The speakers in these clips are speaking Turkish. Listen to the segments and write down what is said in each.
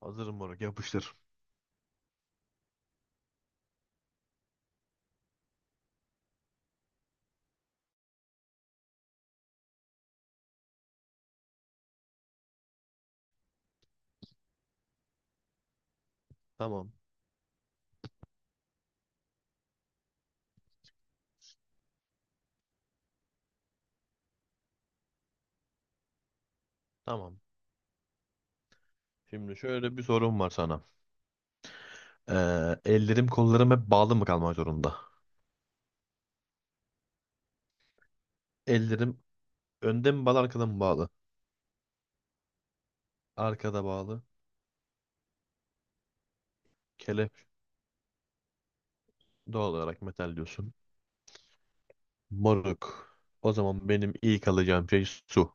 Hazırım moruk yapıştır. Tamam. Tamam. Şimdi şöyle bir sorum var sana. Ellerim kollarım hep bağlı mı kalmak zorunda? Ellerim önde mi bağlı arkada mı bağlı? Arkada bağlı. Kelepçe doğal olarak metal diyorsun. Moruk. O zaman benim ilk alacağım şey su.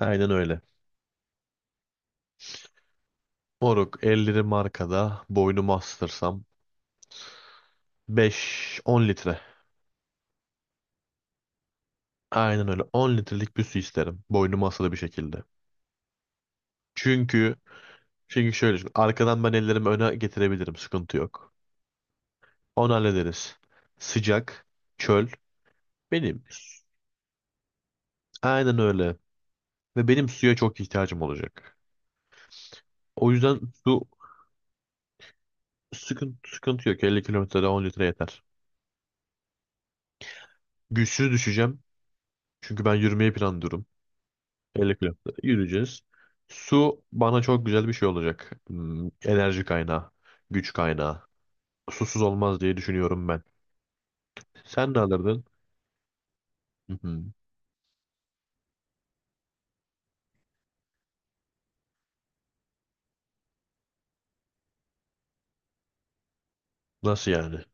Aynen öyle. Moruk ellerim arkada boynumu astırsam 5-10 litre. Aynen öyle 10 litrelik bir su isterim. Boynumu asılı bir şekilde. Çünkü çünkü şöyle düşün. Arkadan ben ellerimi öne getirebilirim. Sıkıntı yok. Onu hallederiz. Sıcak, çöl benim. Aynen öyle. Ve benim suya çok ihtiyacım olacak. O yüzden su sıkıntı yok. 50 kilometrede 10 litre yeter. Güçsüz düşeceğim. Çünkü ben yürümeyi planlıyorum. 50 kilometre yürüyeceğiz. Su bana çok güzel bir şey olacak. Hmm, enerji kaynağı, güç kaynağı. Susuz olmaz diye düşünüyorum ben. Sen ne alırdın? Hı hı. Nasıl yani?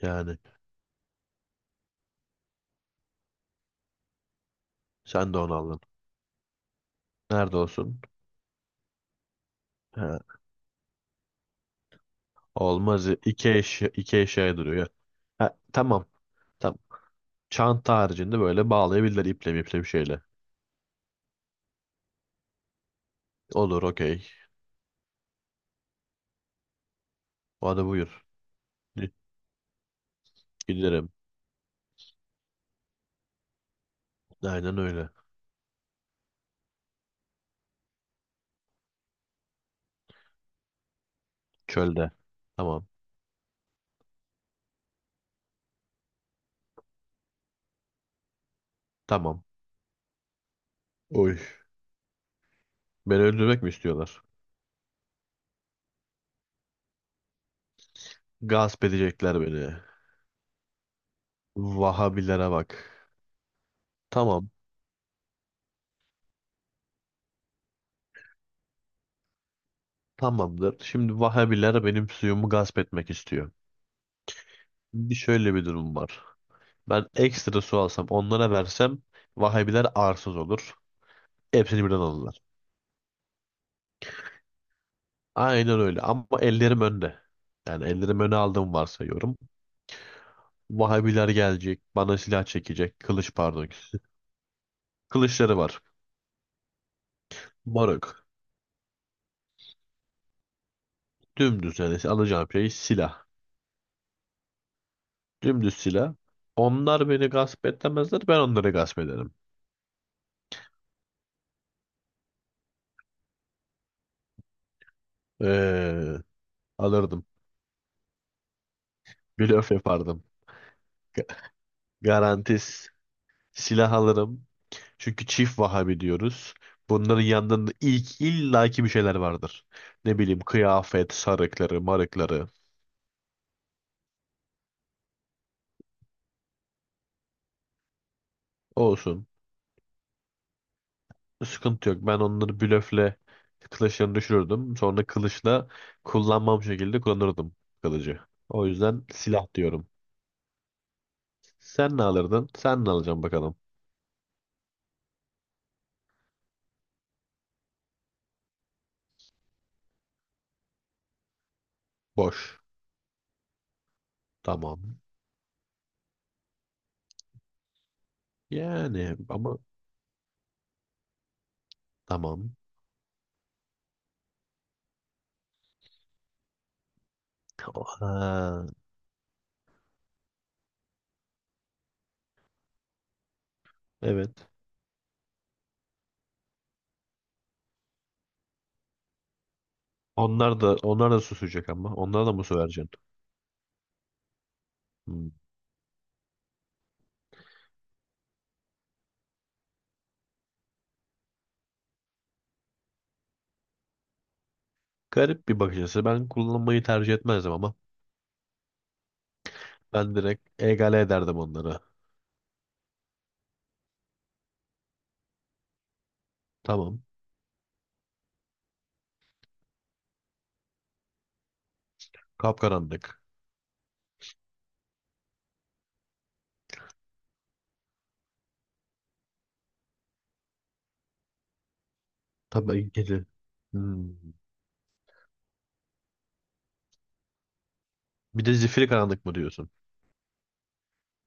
Yani sen de onu aldın. Nerede olsun? He. Olmaz. İki eşyaya duruyor ya. Ha, tamam. Tamam. Çanta haricinde böyle bağlayabilirler iple miple bir şeyle. Olur, okey. Hadi buyur. Gi- Giderim. Aynen öyle. Çölde. Tamam. Tamam. Oy. Beni öldürmek mi istiyorlar? Gasp edecekler beni. Vahabilere bak. Tamam. Tamamdır. Şimdi Vahabiler benim suyumu gasp etmek istiyor. Bir şöyle bir durum var. Ben ekstra su alsam onlara versem Vahabiler arsız olur. Hepsini birden alırlar. Aynen öyle ama ellerim önde. Yani ellerim öne aldığımı varsayıyorum. Vahabiler gelecek, bana silah çekecek. Kılıç pardon. Kılıçları var. Moruk. Dümdüz yani alacağım şey silah. Dümdüz silah. Onlar beni gasp etmezler, ben onları gasp ederim. Ee, Alırdım. Blöf yapardım. Garantis silah alırım. Çünkü çift Vahabi diyoruz. Bunların yanında ilk illaki bir şeyler vardır. Ne bileyim kıyafet, sarıkları, marıkları olsun. Sıkıntı yok. Ben onları blöfle kılıçlarını düşürürdüm. Sonra kılıçla kullanmam şekilde kullanırdım kılıcı. O yüzden silah diyorum. Sen ne alırdın? Sen ne alacaksın bakalım. Boş. Tamam. Yani ama tamam. Aa, evet. Onlar da susacak ama. Onlara da mı su vereceksin? Hmm. Garip bir bakış açısı. Ben kullanmayı tercih etmezdim ama. Ben direkt egale ederdim onları. Tamam. Kapkaranlık. Tabii gece. Hmm. Bir de zifiri karanlık mı diyorsun?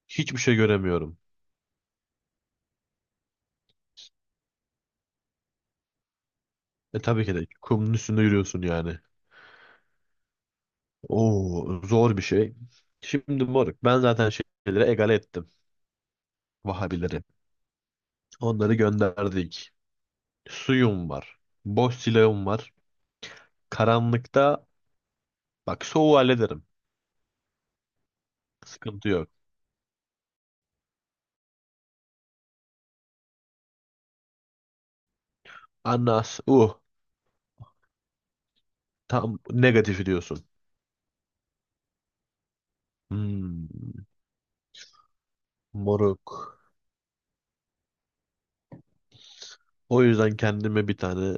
Hiçbir şey göremiyorum. E tabii ki de kumun üstünde yürüyorsun yani. Oo, zor bir şey. Şimdi moruk ben zaten şeyleri egale ettim. Vahabileri. Onları gönderdik. Suyum var. Boş silahım var. Karanlıkta bak soğuğu hallederim. Sıkıntı yok. Anas tam negatifi diyorsun. Hmm, moruk. O yüzden kendime bir tane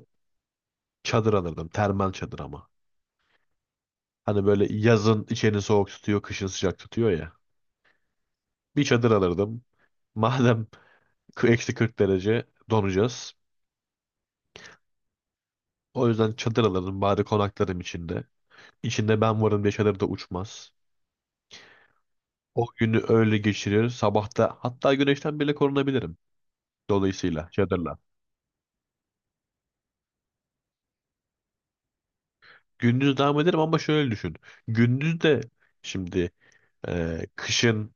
çadır alırdım. Termal çadır ama. Hani böyle yazın içeni soğuk tutuyor, kışın sıcak tutuyor ya. Bir çadır alırdım. Madem eksi 40 derece donacağız. O yüzden çadır alırdım bari konaklarım içinde. İçinde ben varım diye çadır da uçmaz. O günü öyle geçirir. Sabahta hatta güneşten bile korunabilirim. Dolayısıyla çadırla. Gündüz devam ederim ama şöyle düşün. Gündüz de şimdi kışın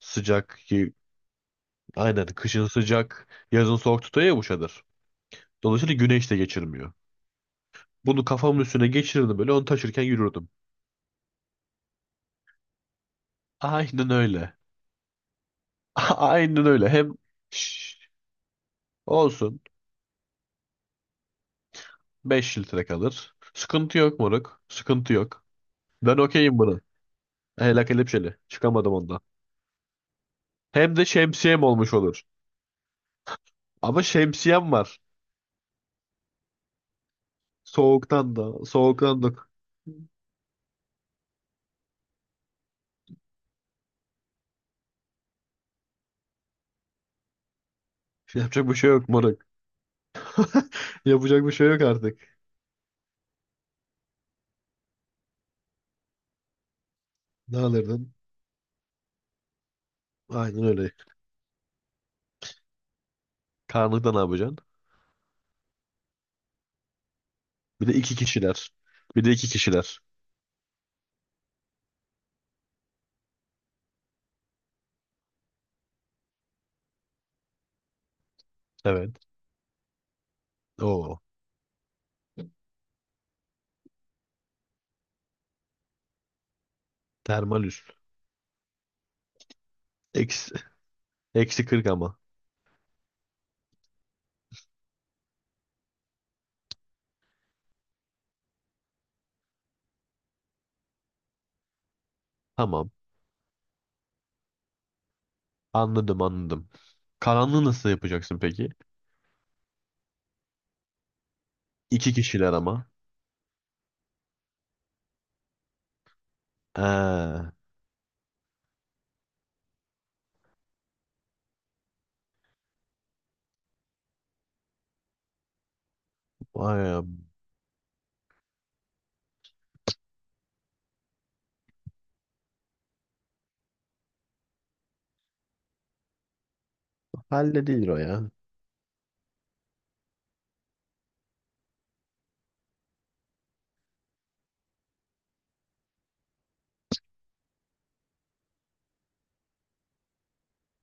sıcak, ki aynen kışın sıcak, yazın soğuk tutuyor ya bu çadır. Dolayısıyla güneş de geçirmiyor. Bunu kafamın üstüne geçirirdim böyle onu taşırken yürürdüm. Aynen öyle. Aynen öyle. Hem şş olsun 5 litre kalır. Sıkıntı yok moruk. Sıkıntı yok. Ben okeyim bunu. Hele kelepçeli. Çıkamadım ondan. Hem de şemsiyem olmuş olur. Ama şemsiyem var. Soğuktan da. Soğuktan da. Yapacak bir şey yok moruk. Yapacak bir şey yok artık. Ne alırdın? Aynen öyle. Karanlıkta ne yapacaksın? Bir de iki kişiler. Bir de iki kişiler. Evet. Oo. Termal üst. Eksi 40 ama. Tamam. Anladım anladım. Karanlığı nasıl yapacaksın peki? İki kişiler ama. Ee, vay, halledilir o ya.